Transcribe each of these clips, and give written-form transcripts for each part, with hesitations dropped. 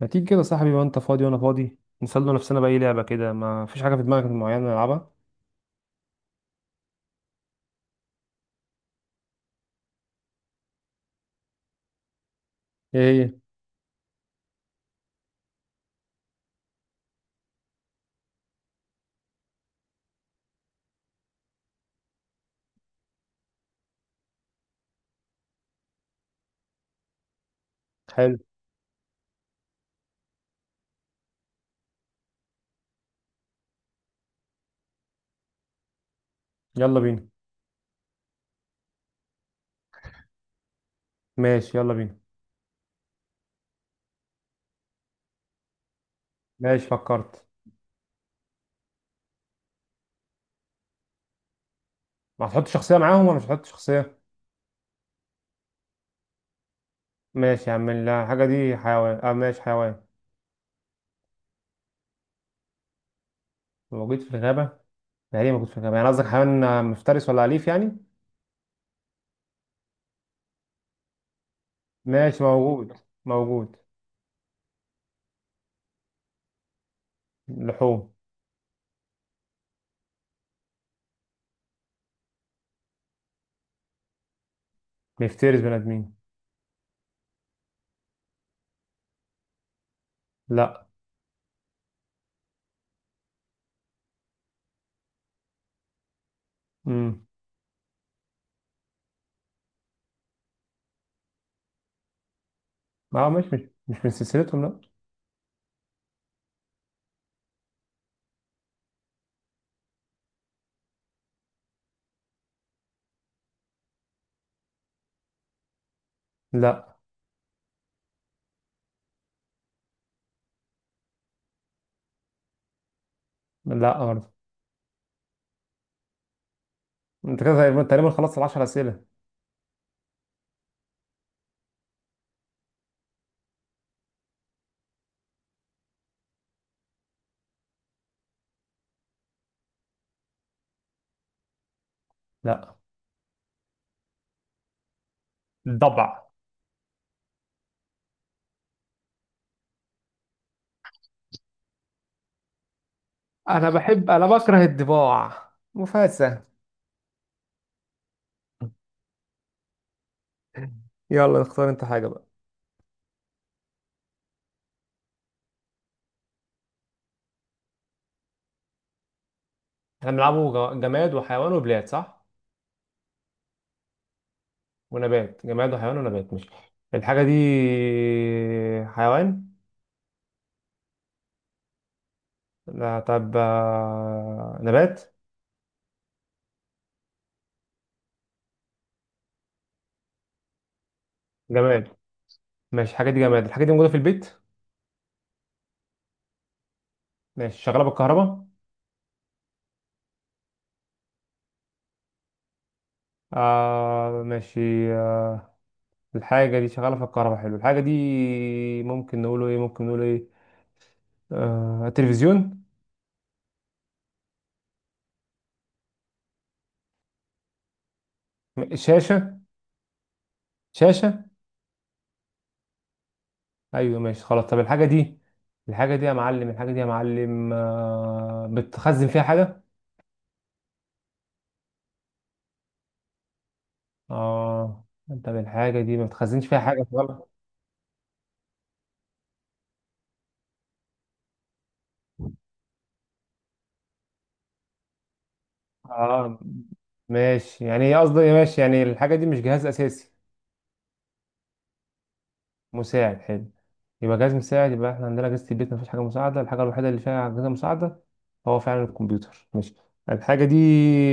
ما تيجي كده يا صاحبي؟ بقى انت فاضي وانا فاضي، نسلي نفسنا بأي لعبة كده. ما فيش حاجة في دماغك معينة نلعبها؟ ايه هي؟ حلو. يلا بينا. ماشي، يلا بينا. ماشي فكرت. ما هتحط شخصية معاهم ولا مش هتحط شخصية؟ ماشي يا عم. لا، الحاجة دي حيوان. اه، ماشي حيوان. موجود في الغابة. يعني ايه موجود في الغابة؟ يعني قصدك حيوان مفترس ولا أليف يعني؟ ماشي، موجود. موجود. لحوم. بيفترس بني آدمين. لا. امم. اه، مش مش من سلسلتهم لا. لا. لا برضه. انت كده تقريبا خلصت ال 10 أسئلة. لا. ضبع. انا بكره الضباع مفاسة. يلا اختار انت حاجة بقى. احنا بنلعبه جماد وحيوان وبلاد، صح؟ ونبات. جماد وحيوان ونبات، مش الحاجة دي حيوان؟ لا، طب نبات. جماد. ماشي، الحاجة دي جماد. الحاجة دي موجودة في البيت. ماشي، شغالة بالكهرباء. آه، ماشي. آه. الحاجة دي شغالة في الكهرباء، حلو. الحاجة دي ممكن نقوله ايه، ممكن نقوله ايه؟ تلفزيون. شاشة. شاشة. ايوه ماشي خلاص، طب الحاجه دي، الحاجه دي يا معلم، الحاجه دي يا معلم بتخزن فيها حاجه. اه. طب الحاجه دي ما بتخزنش فيها حاجه خالص. اه. ماشي، يعني هي قصدي ماشي يعني الحاجه دي مش جهاز اساسي. مساعد، حلو. يبقى جهاز مساعد. يبقى احنا عندنا اجهزه البيت ما فيش حاجه مساعده، الحاجه الوحيده اللي فيها اجهزه مساعده هو فعلا الكمبيوتر. ماشي، الحاجه دي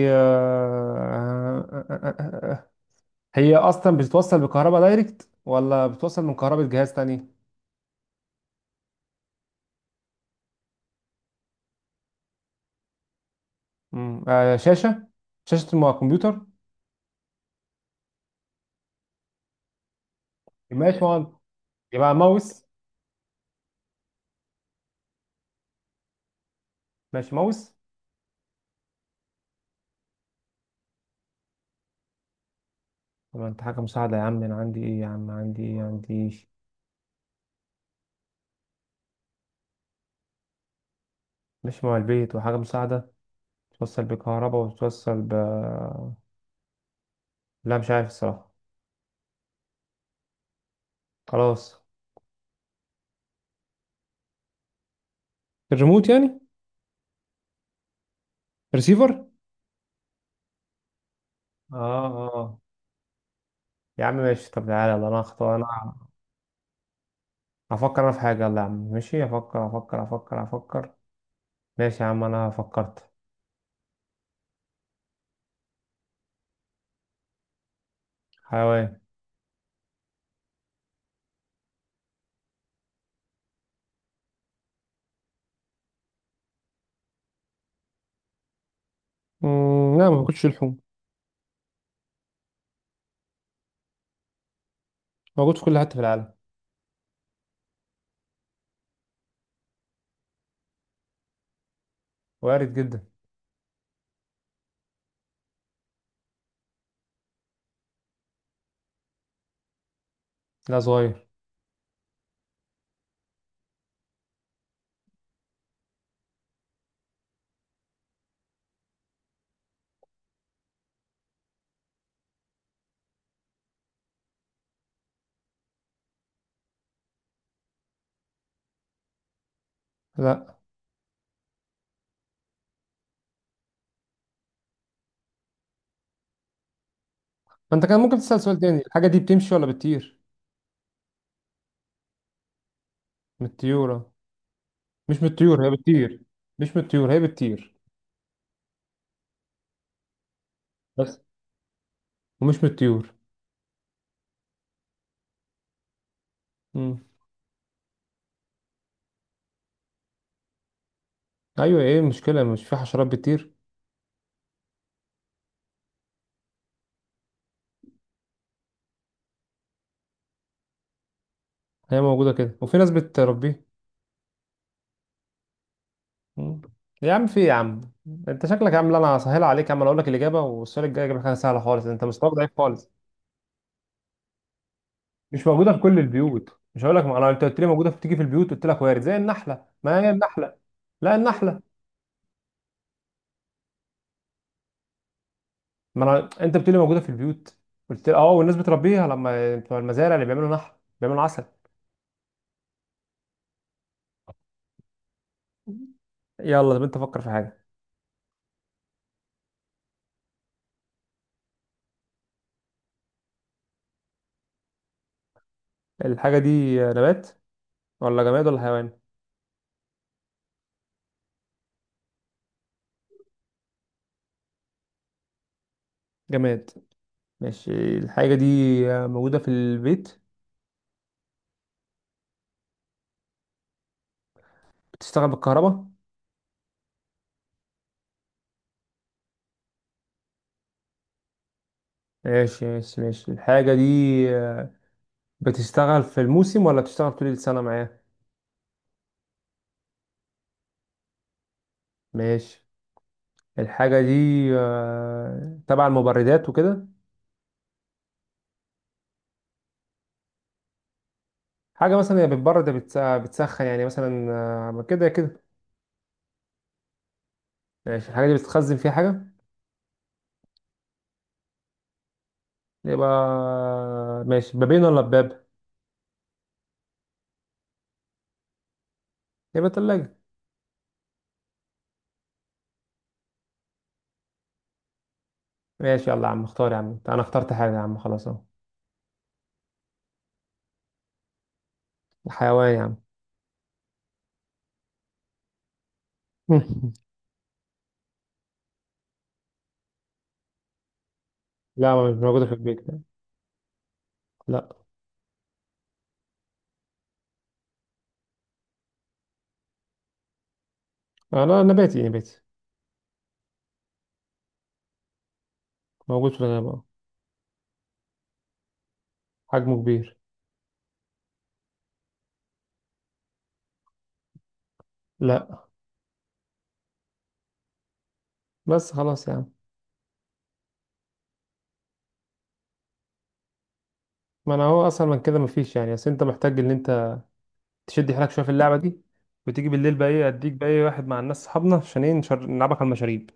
آه، آه، آه، آه، آه. آه، آه. هي اصلا بتتوصل بكهرباء دايركت ولا بتتوصل من كهرباء جهاز تاني؟ شاشة. شاشة مع كمبيوتر. يبقى ماشي مع، يبقى ماوس. ماشي ماوس. طبعا انت حاجة مساعدة يا عم، انا عندي ايه يا عم، عندي ايه، عندي ايه؟ ماشي، مع البيت وحاجة مساعدة، توصل بكهرباء وتوصل ب... لا مش عارف الصراحة. خلاص. الريموت يعني؟ ريسيفر. اه. اه. يا عم ماشي، طب تعالى يلا، انا هختار انا. هفكر انا في حاجة، يلا يا عم. ماشي، هفكر هفكر هفكر هفكر. ماشي يا عم، انا فكرت. حيوان. لا ما باكلش لحوم. موجود في كل حتة في العالم. وارد جدا. لا، صغير. لا. ما انت كان ممكن تسأل سؤال تاني، الحاجة دي بتمشي ولا بتطير؟ من الطيورة. مش من الطيور هي بتطير. مش من الطيور هي بتطير بس. ومش من الطيور. مم. ايوه، ايه المشكلة، مش في حشرات بتطير؟ هي موجودة كده، وفي ناس بتربيه. مم. يا عم في إيه يا عم، انت شكلك يا عم. لا، انا هسهل عليك يا عم. أنا اقول لك الاجابة، والسؤال الجاي هيجيب لك حاجة سهلة خالص. انت مستواك ضعيف خالص. مش موجودة في كل البيوت. مش هقول لك، ما انا انت قلت لي موجودة في تيجي في البيوت، قلت لك وارد زي النحلة، ما هي النحلة. لا، النحلة. ما انا انت بتقولي موجوده في البيوت، قلت لي اه، والناس بتربيها لما بتوع المزارع اللي بيعملوا نحل بيعملوا عسل. يلا طب انت فكر في حاجه. الحاجه دي نبات ولا جماد ولا حيوان؟ جماد. ماشي، الحاجه دي موجوده في البيت. بتشتغل بالكهرباء. ماشي ماشي ماشي، الحاجه دي بتشتغل في الموسم ولا بتشتغل طول السنه معايا؟ ماشي، الحاجه دي تبع المبردات وكده. حاجه مثلا هي بتبرد يا بتسخن يعني مثلا. كده كده. ماشي، الحاجة دي بتتخزن فيها حاجة. يبقى ماشي، بابين ولا باب؟ يبقى تلاجة. ماشي، يلا يا عم اختار يا عم. انا اخترت حاجة يا عم، خلاص اهو. الحيوان يا عم. لا، ما مش موجودة في البيت. لا. لا نباتي نباتي. موجود في الغابة أهو. حجمه كبير. لا. بس خلاص يا عم. ما انا هو اصلا من كده مفيش يعني، بس انت محتاج ان انت تشد حيلك شوية في اللعبة دي، وتيجي بالليل بقى ايه اديك بقى ايه واحد مع الناس صحابنا عشان ايه نلعبك على المشاريب.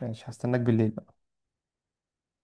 ماشي، هستناك بالليل.